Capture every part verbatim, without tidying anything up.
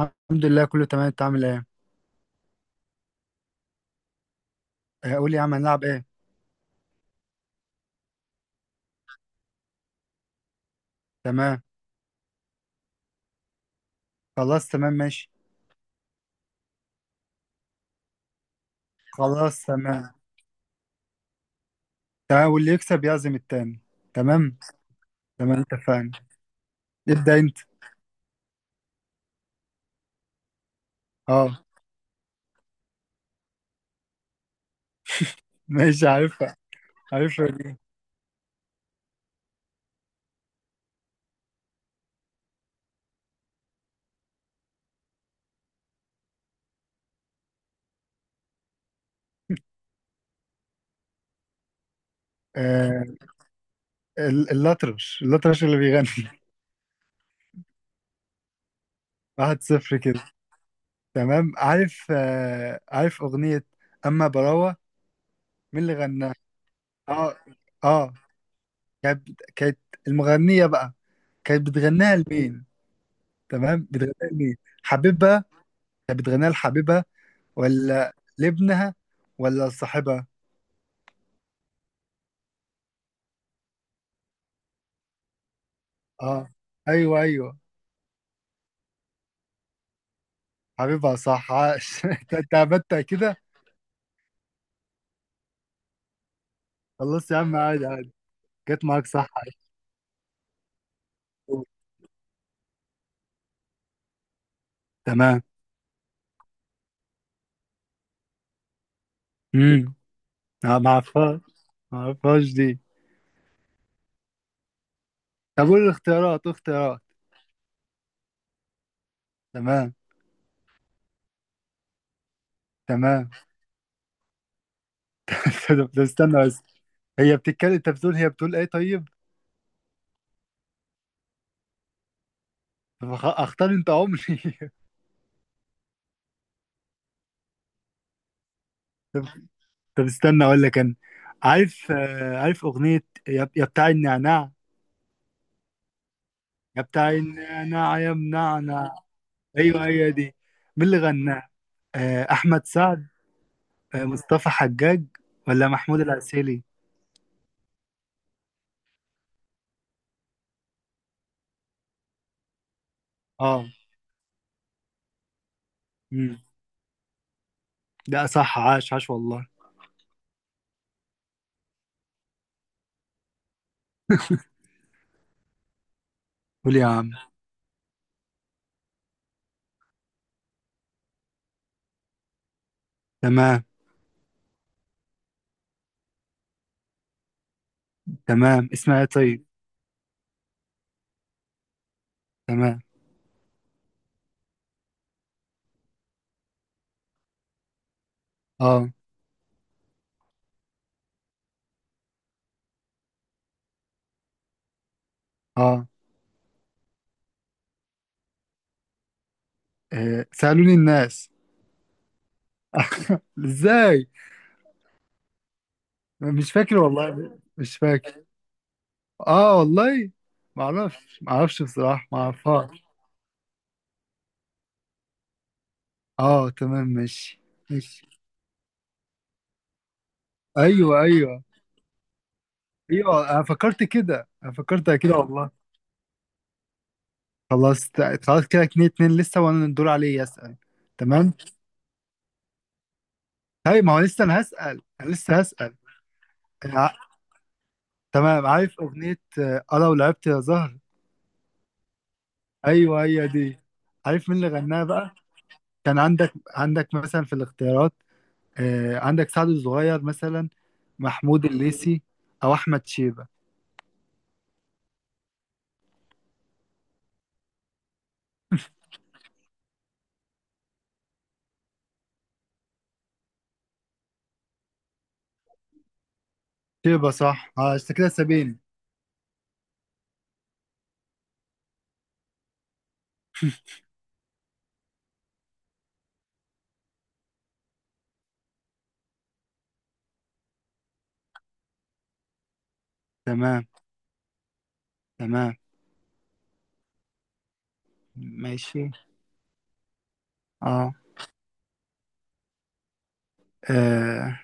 الحمد لله كله تمام، انت عامل ايه؟ اه، قول لي يا عم هنلعب ايه؟ تمام. خلاص تمام ماشي. خلاص تمام. تمام، واللي يكسب يعزم التاني. تمام. تمام اتفقنا. ابدأ انت. اه، ماشي عارفها. عارفها دي. آه، ال- الأطرش الأطرش اللي بيغني. واحد صفر كده. تمام، عارف آه عارف أغنية أما براوة، مين اللي غناها؟ اه. اه. كانت كانت المغنية بقى، كانت بتغنيها لمين؟ تمام، بتغنيها لمين؟ حبيبها. كانت بتغنيها لحبيبها، ولا لابنها، ولا لصاحبها؟ اه، ايوه ايوه. حبيبها صح، عاش. انت أنت عبدت كده. خلاص يا عم، عادي عادي. جت معاك صح عاش. تمام. امم. آه، ما اعرفهاش. ما اعرفهاش دي. طب قول الاختيارات اختيارات. تمام. تمام. طب استنى بس. هي بتتكلم، انت بتقول هي بتقول ايه؟ طيب. طب أخ- اختار انت عمري. طب. طب استنى اقول لك انا. عارف آه، عارف اغنيه يا يا بتاع النعناع. يا بتاع النعناع يا منعنع. ايوه، هي دي. مين اللي غناها؟ آه، احمد سعد؟ آه، مصطفى حجاج؟ ولا محمود العسيلي؟ اه. امم. ده صح، عاش عاش والله. قول يا عم. تمام. تمام، اسمها إيه طيب؟ تمام. اه. اه. آه، سألوني الناس. ازاي؟ مش فاكر والله، مش فاكر. اه والله. ما اعرفش، ما اعرفش بصراحة، ما اعرفهاش. اه تمام ماشي. ماشي. ايوه ايوه. ايوه، انا فكرت كده، انا فكرتها كده والله. خلاص، ت- خلاص كده اتنين اتنين لسه، وانا الدور عليه يسأل. تمام. طيب، ما هو لسه انا هسأل انا لسه هسأل. ع- تمام، عارف اغنية آه، انا ولعبت يا زهر. ايوه هي دي. عارف مين اللي غناها بقى؟ كان عندك عندك مثلا في الاختيارات. آه، عندك سعد الصغير مثلا، محمود الليثي، او احمد شيبة. شيبة صح. اه، انت كده سابين. تمام. تمام ماشي. اه. آه،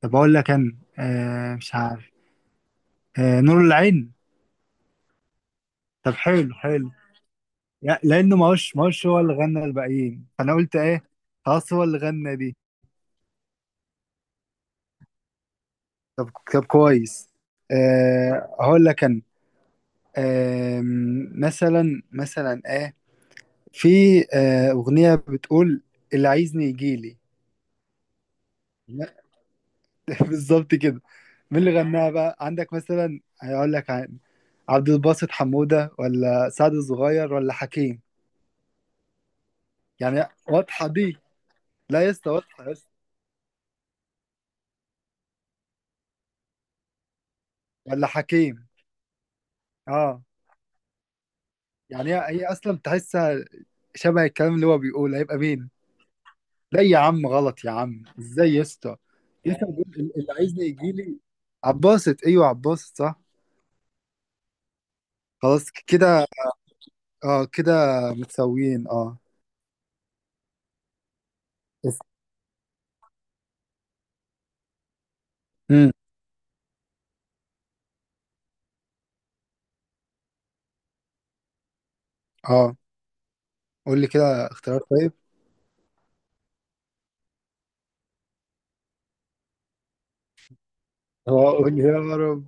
طب اقول لك انا. آه، مش عارف. آه، نور العين. طب حلو حلو. يع- لانه ما هوش ما هوش هو اللي غنى الباقيين، فانا قلت ايه؟ خلاص هو اللي غنى دي. طب طب كويس. أه هقول لك انا. أه. مثلا مثلا ايه؟ في آه، اغنيه بتقول اللي عايزني يجيلي. لا، بالظبط كده. مين اللي غناها بقى؟ عندك مثلا، هقول لك عن عبد الباسط حمودة، ولا سعد الصغير، ولا حكيم. يعني واضحة دي. لا يا اسطى، واضحة يا اسطى. ولا حكيم. اه. يعني هي هي اصلا تحسها شبه الكلام اللي هو بيقوله، هيبقى مين؟ لا يا عم غلط، يا عم ازاي يا اسطى؟ لسه بقول ال- اللي عايزني يجي لي. عباسط، ايوه عباسط صح. خلاص، ك- كده. اه كده متساويين. اه. بس- امم. اه، قول لي كده اختيار طيب. اه، قول لي يا رب.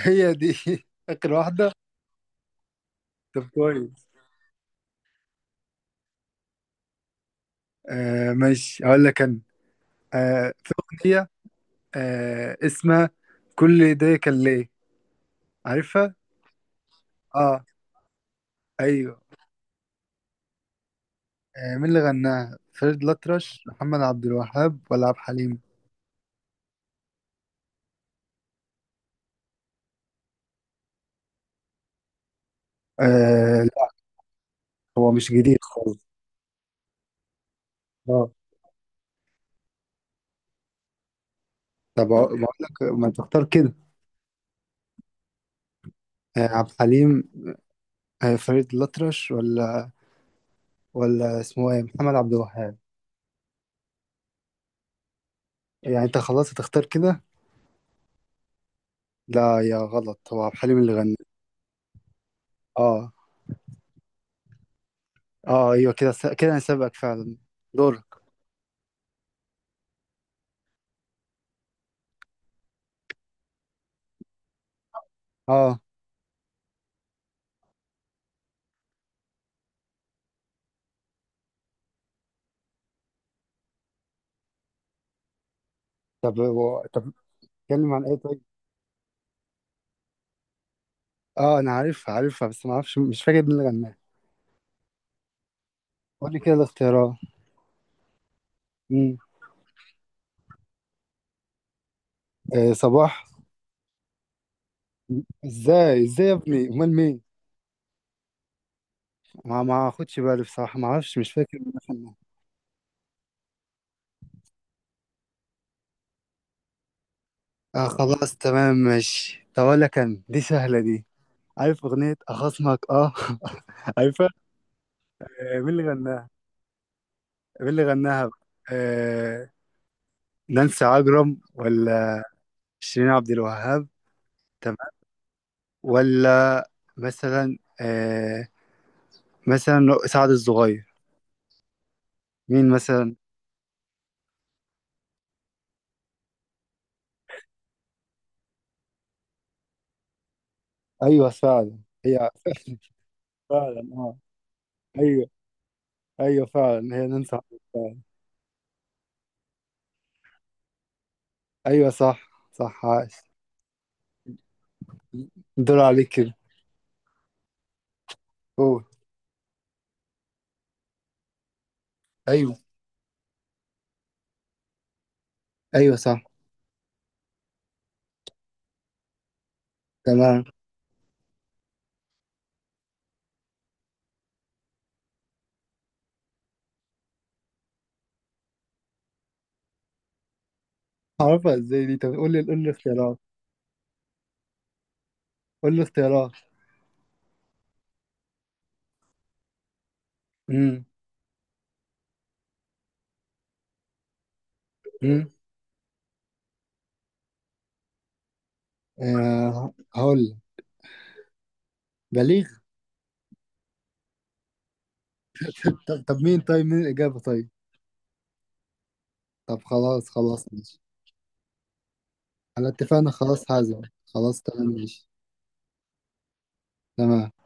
هي دي. اخر واحده. طب كويس. آه ماشي، اقول لك انا. آه، في اغنيه. آه، اسمها كل ده كان ليه. عارفها. اه. ايوه. آه، مين اللي غناها؟ فريد الأطرش، محمد عبد الوهاب، ولا عبد الحليم؟ آه لا. هو مش جديد خالص. اه. طب، أقو- بقول لك ما تختار كده. آه، عبد الحليم. آه، فريد الأطرش، ولا ولا اسمه ايه محمد عبد الوهاب. يعني انت خلاص هتختار كده. لا يا غلط، هو عبد الحليم اللي غنى. اه. اه ايوه، كده س... كده انا سابقك فعلا. دورك. اه. طب هو طب، اتكلم عن ايه طيب؟ اه، انا عارفها عارفها بس ما اعرفش، مش فاكر مين اللي غناها. قول لي كده الاختيارات. مم. آه، صباح. ازاي ازاي يا ابني؟ امال مين؟ ما ما اخدش بالي بصراحه، ما اعرفش، مش فاكر مين فنان. اه خلاص تمام ماشي. طب اقول لك انا، دي سهله دي. عارف اغنيه اخصمك اه؟ عارفها. آه، مين اللي غناها؟ مين اللي غناها بقى؟ آه. نانسي عجرم، ولا شيرين عبد الوهاب. تمام. ولا مثلا آه، مثلا سعد الصغير. مين مثلا؟ ايوه فعلا. هي. فعلا اه. ايوه. ايوه فعلا، هي نانسي عجرم. ايوه صح صح، عاش. دور عليك كده. قول. ايوه ايوه صح. تمام، عارفها ازاي دي؟ طب قول لي قول لي اختيارات. قول لي اختيارات. امم. امم. آه هقول لك. بليغ. طب, طب مين طيب مين الاجابه طيب؟ طب خلاص خلاص ماشي. على اتفقنا خلاص هعزم. خلاص تمام ماشي. تمام.